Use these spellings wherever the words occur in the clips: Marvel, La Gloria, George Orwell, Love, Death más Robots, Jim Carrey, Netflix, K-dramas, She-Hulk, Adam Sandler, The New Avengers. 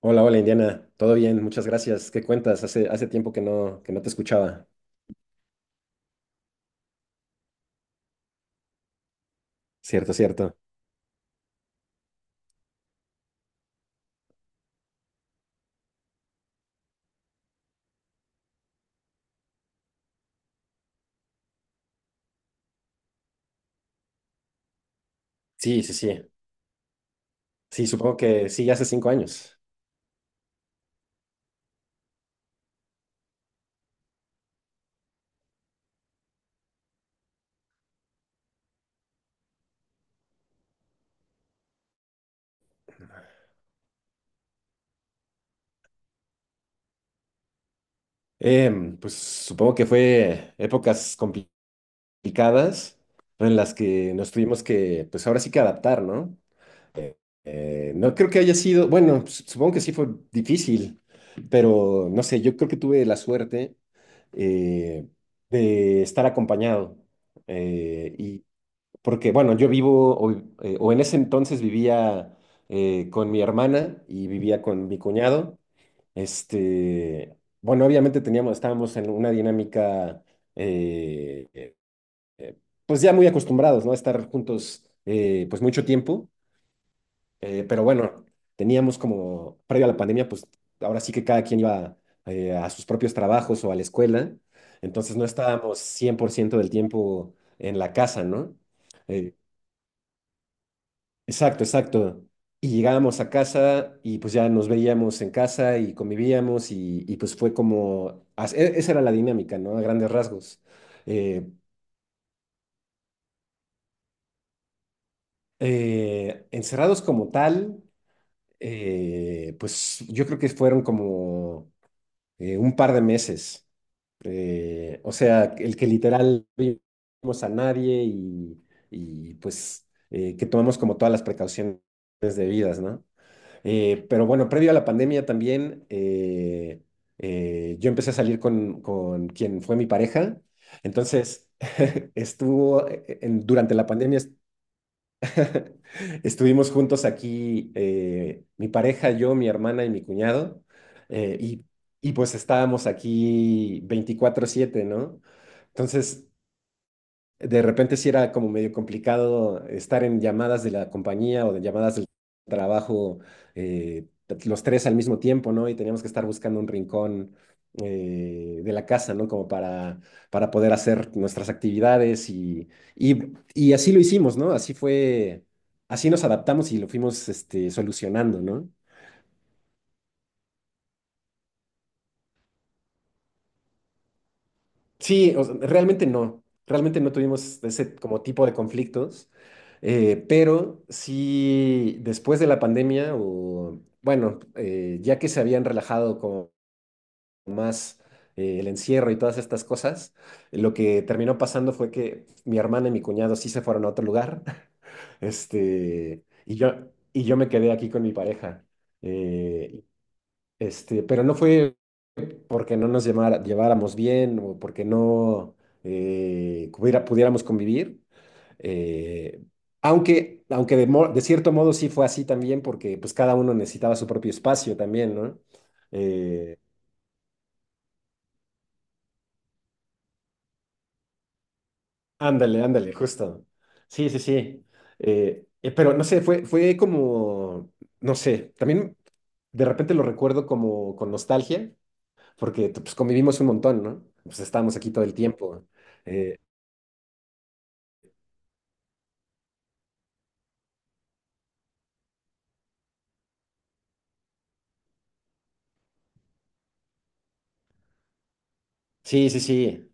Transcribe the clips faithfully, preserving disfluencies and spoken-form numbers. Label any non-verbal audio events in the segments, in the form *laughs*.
Hola, hola Indiana, todo bien, muchas gracias. ¿Qué cuentas? Hace, hace tiempo que no, que no te escuchaba. Cierto, cierto. Sí, sí, sí. Sí, supongo que sí, hace cinco años. Em, pues supongo que fue épocas complicadas en las que nos tuvimos que, pues ahora sí que adaptar, ¿no? Eh, no creo que haya sido, bueno, su- supongo que sí fue difícil, pero no sé, yo creo que tuve la suerte eh, de estar acompañado. eh, Porque, bueno, yo vivo, o, eh, o en ese entonces vivía eh, con mi hermana y vivía con mi cuñado. Este, bueno, obviamente teníamos, estábamos en una dinámica, eh, eh, eh, pues ya muy acostumbrados, ¿no? A estar juntos, eh, pues mucho tiempo. Eh, pero bueno, teníamos como, previo a la pandemia, pues ahora sí que cada quien iba eh, a sus propios trabajos o a la escuela. Entonces no estábamos cien por ciento del tiempo en la casa, ¿no? Eh, Exacto, exacto. Y llegábamos a casa y pues ya nos veíamos en casa y convivíamos y, y, pues fue como, as- e- esa era la dinámica, ¿no? A grandes rasgos. Eh, eh, Encerrados como tal, eh, pues yo creo que fueron como eh, un par de meses. Eh, o sea, el que literal no vimos a nadie y, y, pues eh, que tomamos como todas las precauciones debidas, ¿no? Eh, pero bueno, previo a la pandemia también, eh, eh, yo empecé a salir con, con quien fue mi pareja. Entonces, *laughs* estuvo eh, en- durante la pandemia, est- *laughs* estuvimos juntos aquí, eh, mi pareja, yo, mi hermana y mi cuñado. Eh, y, y pues estábamos aquí veinticuatro siete, ¿no? Entonces, de repente sí era como medio complicado estar en llamadas de la compañía o de llamadas del trabajo, eh, los tres al mismo tiempo, ¿no? Y teníamos que estar buscando un rincón eh, de la casa, ¿no? Como para, para poder hacer nuestras actividades y, y, y así lo hicimos, ¿no? Así fue, así nos adaptamos y lo fuimos este, solucionando, ¿no? Sí, o sea, realmente no, realmente no tuvimos ese como tipo de conflictos, eh, pero sí después de la pandemia, o bueno, eh, ya que se habían relajado como más eh, el encierro y todas estas cosas, lo que terminó pasando fue que mi hermana y mi cuñado sí se fueron a otro lugar, *laughs* este, y yo, y yo me quedé aquí con mi pareja, eh, este, pero no fue porque no nos llamara- lleváramos bien o porque no eh, hubiera- pudiéramos convivir. eh, Aunque aunque de, mo- de cierto modo sí fue así también, porque pues cada uno necesitaba su propio espacio también, ¿no? Eh, Ándale, ándale, justo. Sí, sí, sí. Eh, eh, pero no sé, fue, fue como, no sé, también de repente lo recuerdo como con nostalgia, porque pues convivimos un montón, ¿no? Pues estábamos aquí todo el tiempo. Eh, sí, sí, sí.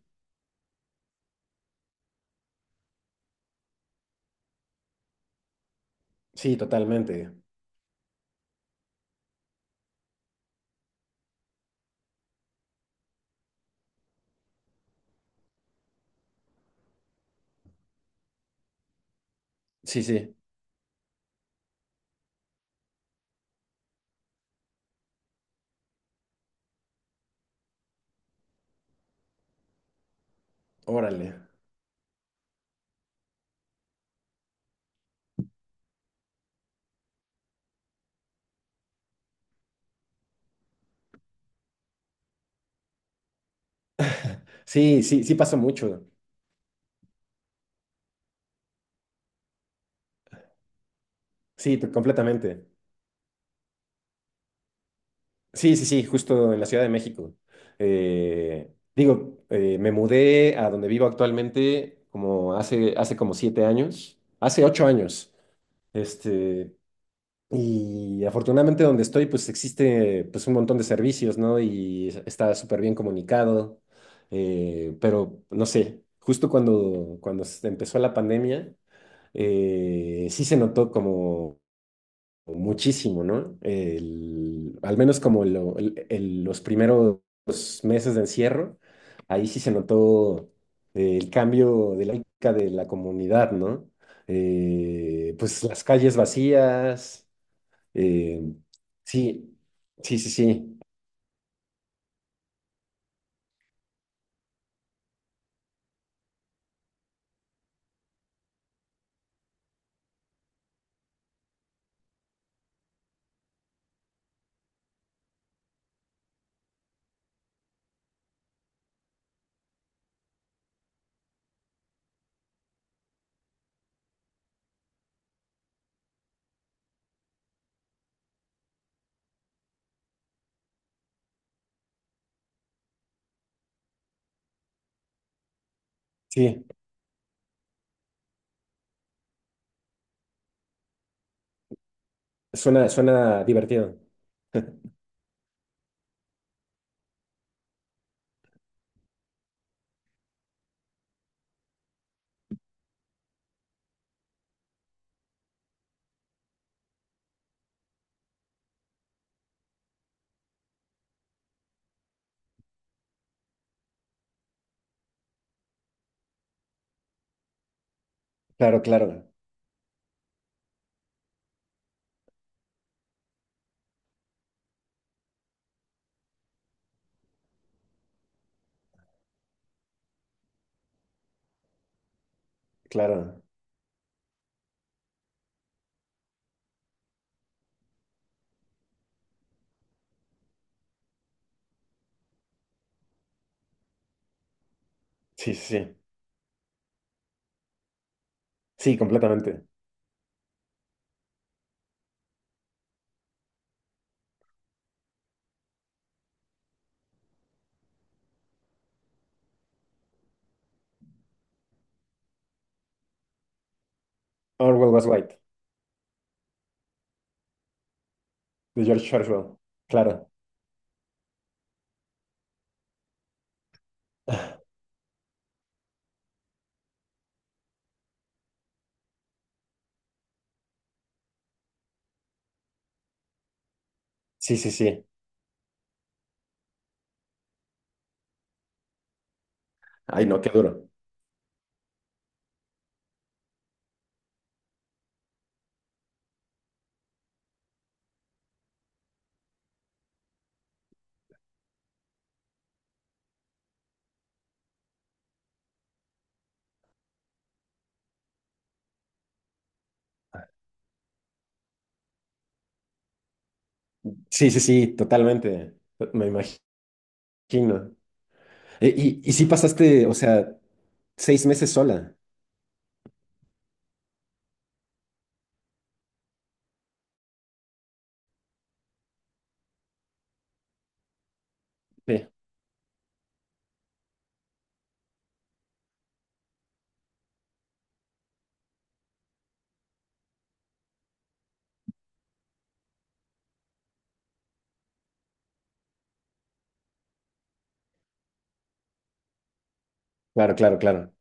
Sí, totalmente. Sí, sí. Órale. Sí, sí, sí pasa mucho. Sí, to- completamente. Sí, sí, sí, justo en la Ciudad de México. Eh, digo, eh, me mudé a donde vivo actualmente como hace, hace como siete años, hace ocho años. Este, y afortunadamente donde estoy, pues existe pues un montón de servicios, ¿no? Y es- está súper bien comunicado. Eh, pero no sé, justo cuando, cuando se empezó la pandemia. Eh, sí se notó como muchísimo, ¿no? El- al menos como lo- el- el- los primeros meses de encierro, ahí sí se notó eh, el cambio de lógica de la comunidad, ¿no? Eh, pues las calles vacías, eh, sí, sí, sí, sí, sí, suena, suena divertido. Claro, claro, claro, sí, sí, sí, sí, completamente. Orwell was white, de George Orwell, claro. Sí, sí, sí. Ay, no, qué duro. Sí, sí, sí, totalmente. Me imagino. E- Y, y, sí pasaste, o sea, seis meses sola. Sí. Claro, claro, claro.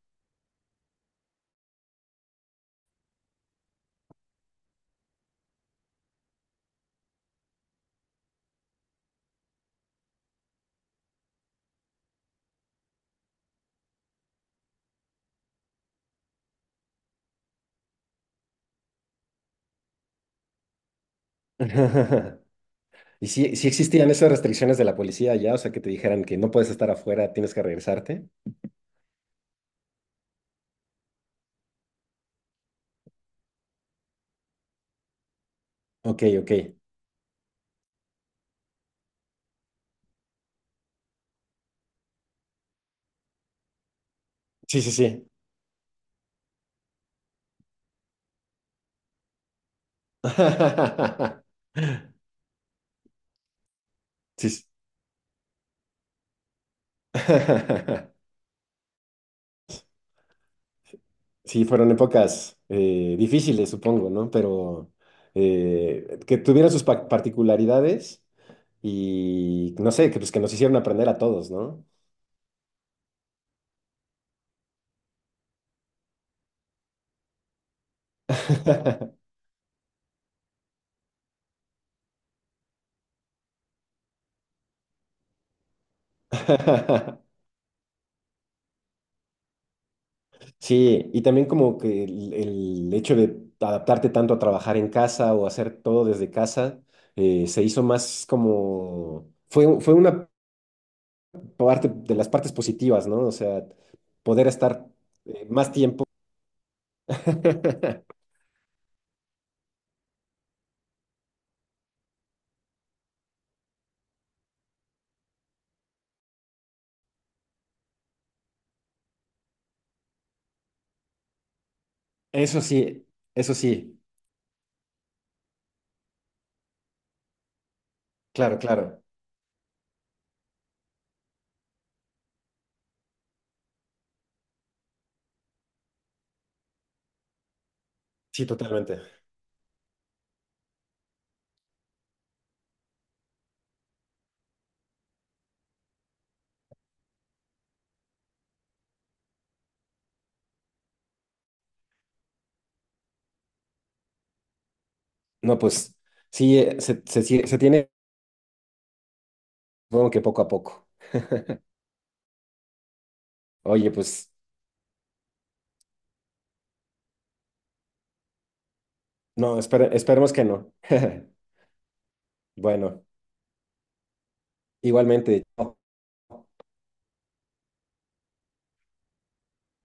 *laughs* ¿Y sí, sí existían esas restricciones de la policía allá? O sea, que te dijeran que no puedes estar afuera, tienes que regresarte. Ok, ok. Sí, sí, sí. *laughs* Sí, sí. *laughs* Sí, fueron épocas eh, difíciles, supongo, ¿no? Pero eh, que tuvieron sus pa- particularidades y no sé, que, pues, que nos hicieron aprender a todos, ¿no? *laughs* Sí, y también como que el, el hecho de adaptarte tanto a trabajar en casa o hacer todo desde casa, eh, se hizo más como, fue, u- fue una parte de las partes positivas, ¿no? O sea, poder estar eh, más tiempo. *laughs* Eso sí, eso sí, claro, claro. Sí, totalmente. No, pues sí, eh, se, se, sí- se tiene, supongo que poco a poco. Oye, pues no, espere- esperemos que no. *laughs* Bueno, igualmente. Chao.